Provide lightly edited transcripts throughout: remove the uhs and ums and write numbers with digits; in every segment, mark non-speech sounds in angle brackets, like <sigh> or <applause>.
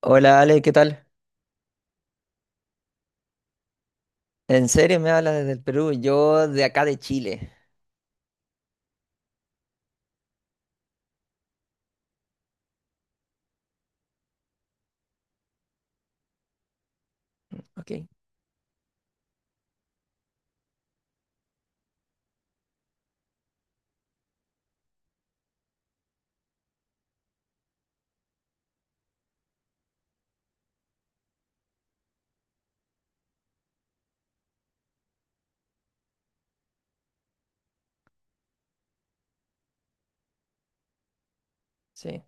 Hola Ale, ¿qué tal? ¿En serio me hablas desde el Perú? Yo de acá de Chile. Ok, sí.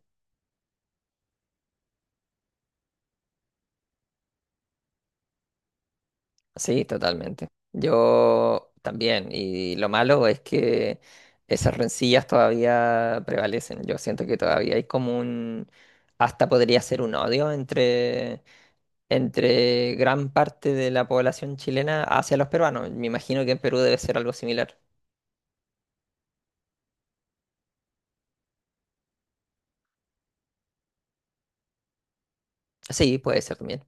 Sí, totalmente. Yo también. Y lo malo es que esas rencillas todavía prevalecen. Yo siento que todavía hay como un. Hasta podría ser un odio entre gran parte de la población chilena hacia los peruanos. Me imagino que en Perú debe ser algo similar. Sí, puede ser también.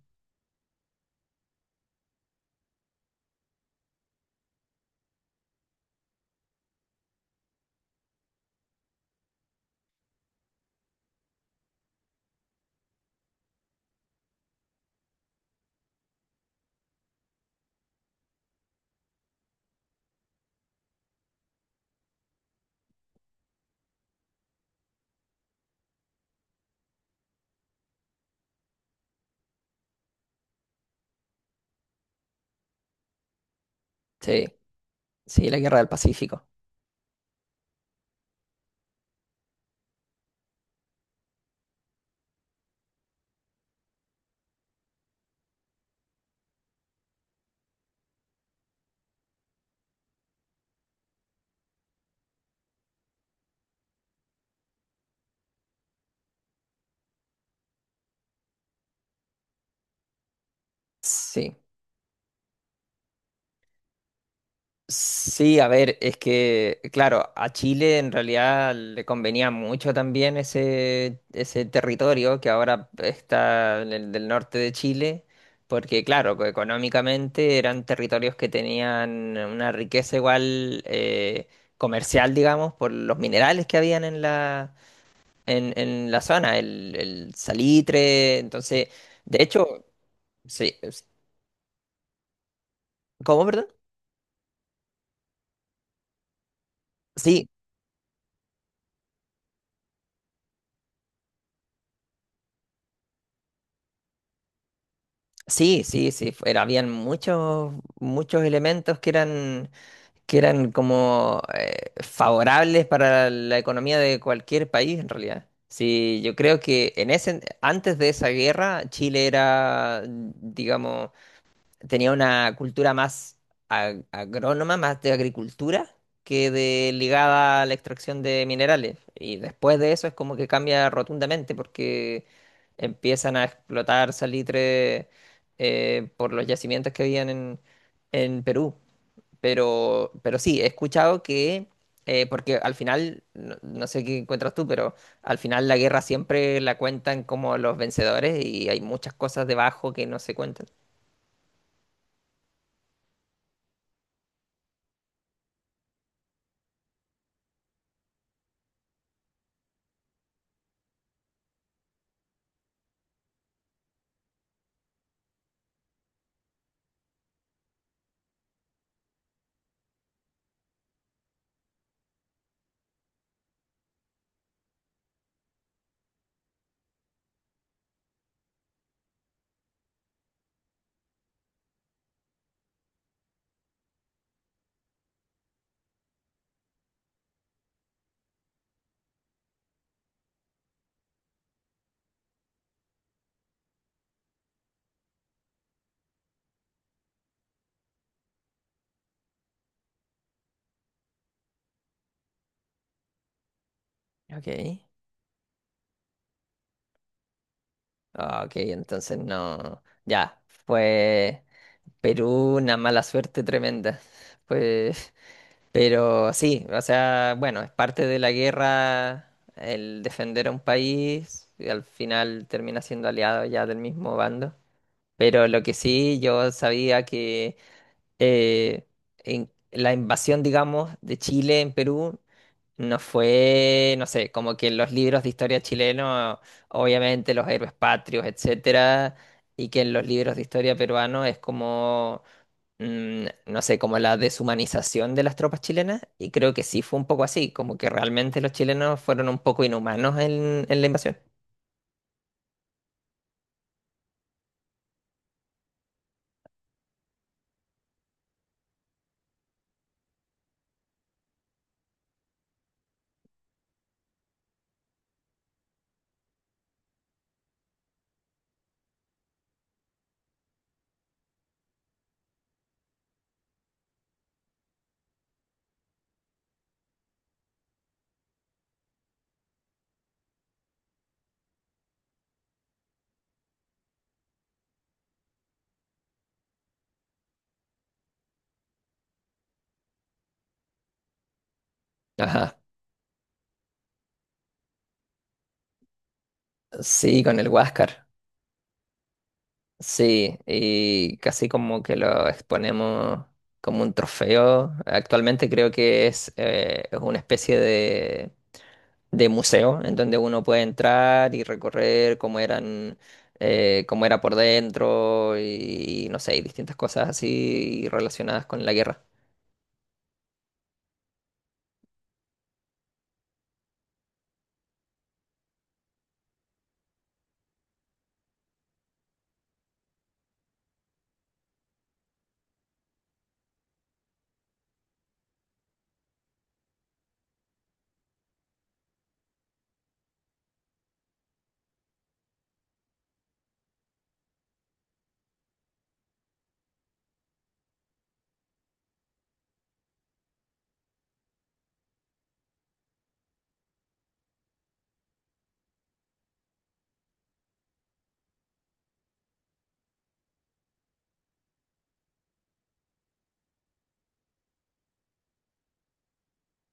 Sí, sí, la guerra del Pacífico. Sí. Sí, a ver, es que, claro, a Chile en realidad le convenía mucho también ese territorio que ahora está en el del norte de Chile, porque, claro, que económicamente eran territorios que tenían una riqueza igual comercial, digamos, por los minerales que habían en la zona, el salitre, entonces, de hecho, sí, ¿cómo, verdad? Sí. Sí, sí, sí, habían muchos, muchos elementos que que eran como favorables para la economía de cualquier país en realidad. Sí, yo creo que en ese, antes de esa guerra, Chile era, digamos, tenía una cultura más agrónoma, más de agricultura, que de ligada a la extracción de minerales. Y después de eso es como que cambia rotundamente porque empiezan a explotar salitre por los yacimientos que habían en Perú. Pero sí, he escuchado que, porque al final, no, no sé qué encuentras tú, pero al final la guerra siempre la cuentan como los vencedores y hay muchas cosas debajo que no se cuentan. Ok. Ah, ok, entonces no. Ya, fue Perú una mala suerte tremenda. <laughs> Pues, pero sí, o sea, bueno, es parte de la guerra el defender a un país y al final termina siendo aliado ya del mismo bando. Pero lo que sí, yo sabía que eh, en la invasión, digamos, de Chile en Perú no fue, no sé, como que en los libros de historia chileno, obviamente los héroes patrios, etcétera, y que en los libros de historia peruano es como, no sé, como la deshumanización de las tropas chilenas, y creo que sí fue un poco así, como que realmente los chilenos fueron un poco inhumanos en la invasión. Ajá, sí, con el Huáscar, sí, y casi como que lo exponemos como un trofeo. Actualmente creo que es una especie de museo, en donde uno puede entrar y recorrer cómo eran, cómo era por dentro y, no sé, y distintas cosas así relacionadas con la guerra.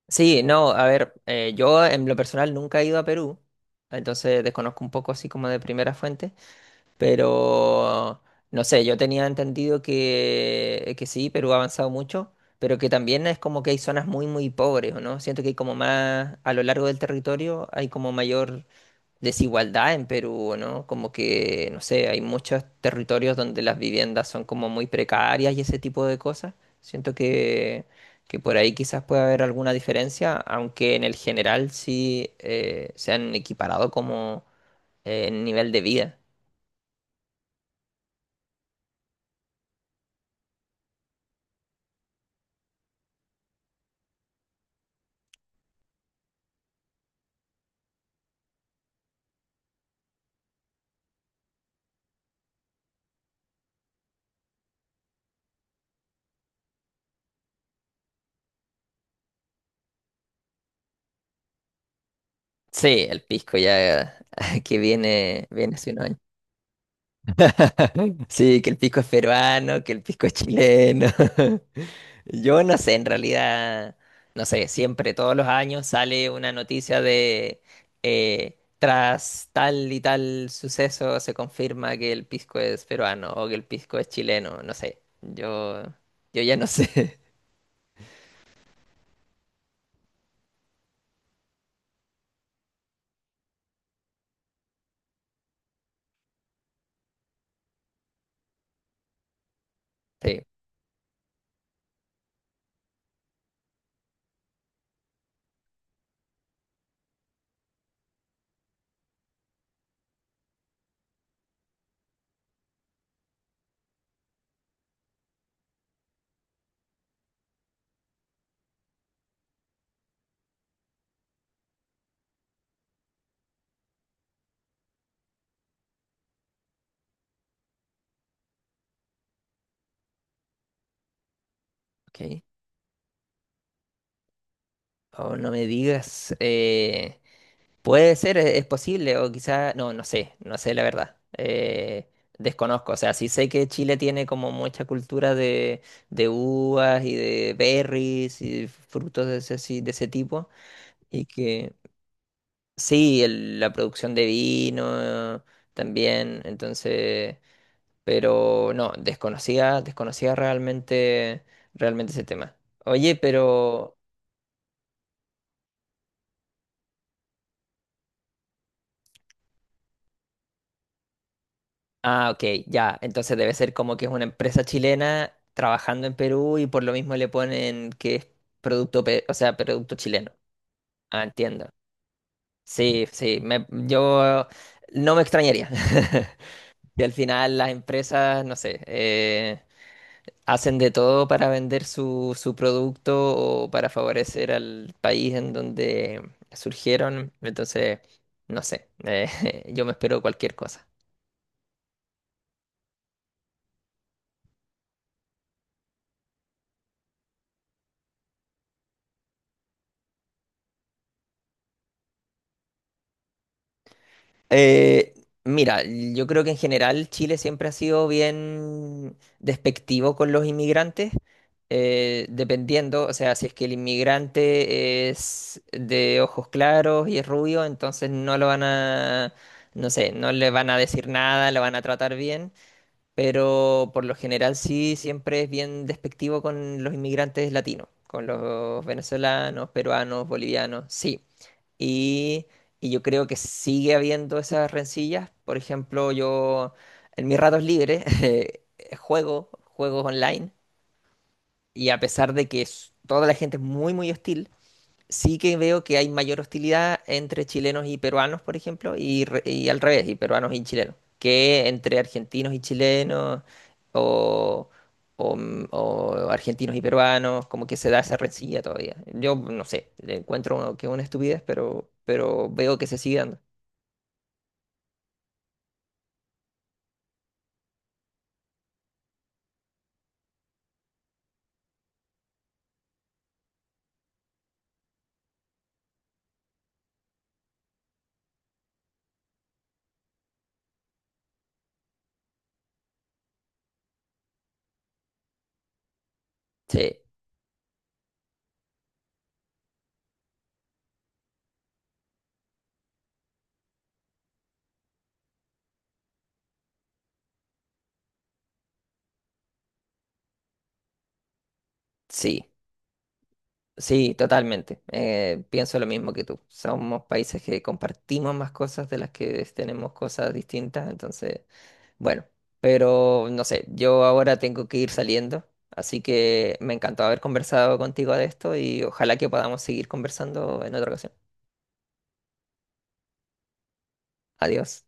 Sí, no, a ver, yo en lo personal nunca he ido a Perú, entonces desconozco un poco así como de primera fuente, pero no sé, yo tenía entendido que sí, Perú ha avanzado mucho. Pero que también es como que hay zonas muy, muy pobres, ¿o ¿no? Siento que hay como más, a lo largo del territorio, hay como mayor desigualdad en Perú, ¿no? Como que, no sé, hay muchos territorios donde las viviendas son como muy precarias y ese tipo de cosas. Siento que por ahí quizás pueda haber alguna diferencia, aunque en el general sí se han equiparado como en nivel de vida. Sí, el pisco ya <laughs> que viene, viene hace unos años. Sí, que el pisco es peruano, que el pisco es chileno. <laughs> Yo no sé, en realidad, no sé, siempre, todos los años sale una noticia de tras tal y tal suceso se confirma que el pisco es peruano o que el pisco es chileno, no sé. Yo ya no sé. <laughs> Sí, ok. Oh, no me digas. Puede ser, es posible, o quizá, no, no sé, no sé la verdad. Desconozco, o sea, sí sé que Chile tiene como mucha cultura de uvas y de berries y frutos de de ese tipo, y que sí, la producción de vino también, entonces, pero no, desconocía, desconocía realmente, realmente ese tema. Oye, pero... Ah, ok, ya. Entonces debe ser como que es una empresa chilena trabajando en Perú y por lo mismo le ponen que es producto, o sea, producto chileno. Ah, entiendo. Sí, sí, yo no me extrañaría. <laughs> Y al final las empresas, no sé, hacen de todo para vender su, su producto o para favorecer al país en donde surgieron. Entonces, no sé, <laughs> yo me espero cualquier cosa. Eh, mira, yo creo que en general Chile siempre ha sido bien despectivo con los inmigrantes, dependiendo, o sea, si es que el inmigrante es de ojos claros y es rubio, entonces no lo van a, no sé, no le van a decir nada, lo van a tratar bien, pero por lo general sí, siempre es bien despectivo con los inmigrantes latinos, con los venezolanos, peruanos, bolivianos, sí. Y, y yo creo que sigue habiendo esas rencillas. Por ejemplo, yo en mis ratos libres <laughs> juego juegos online y a pesar de que toda la gente es muy, muy hostil, sí que veo que hay mayor hostilidad entre chilenos y peruanos, por ejemplo, y, y al revés, y peruanos y chilenos, que entre argentinos y chilenos o, o, o argentinos y peruanos, como que se da esa rencilla todavía. Yo no sé, le encuentro que es una estupidez, pero veo que se sigue dando. Sí, sí, sí, totalmente. Pienso lo mismo que tú. Somos países que compartimos más cosas de las que tenemos cosas distintas, entonces... Bueno, pero no sé, yo ahora tengo que ir saliendo, así que me encantó haber conversado contigo de esto y ojalá que podamos seguir conversando en otra ocasión. Adiós.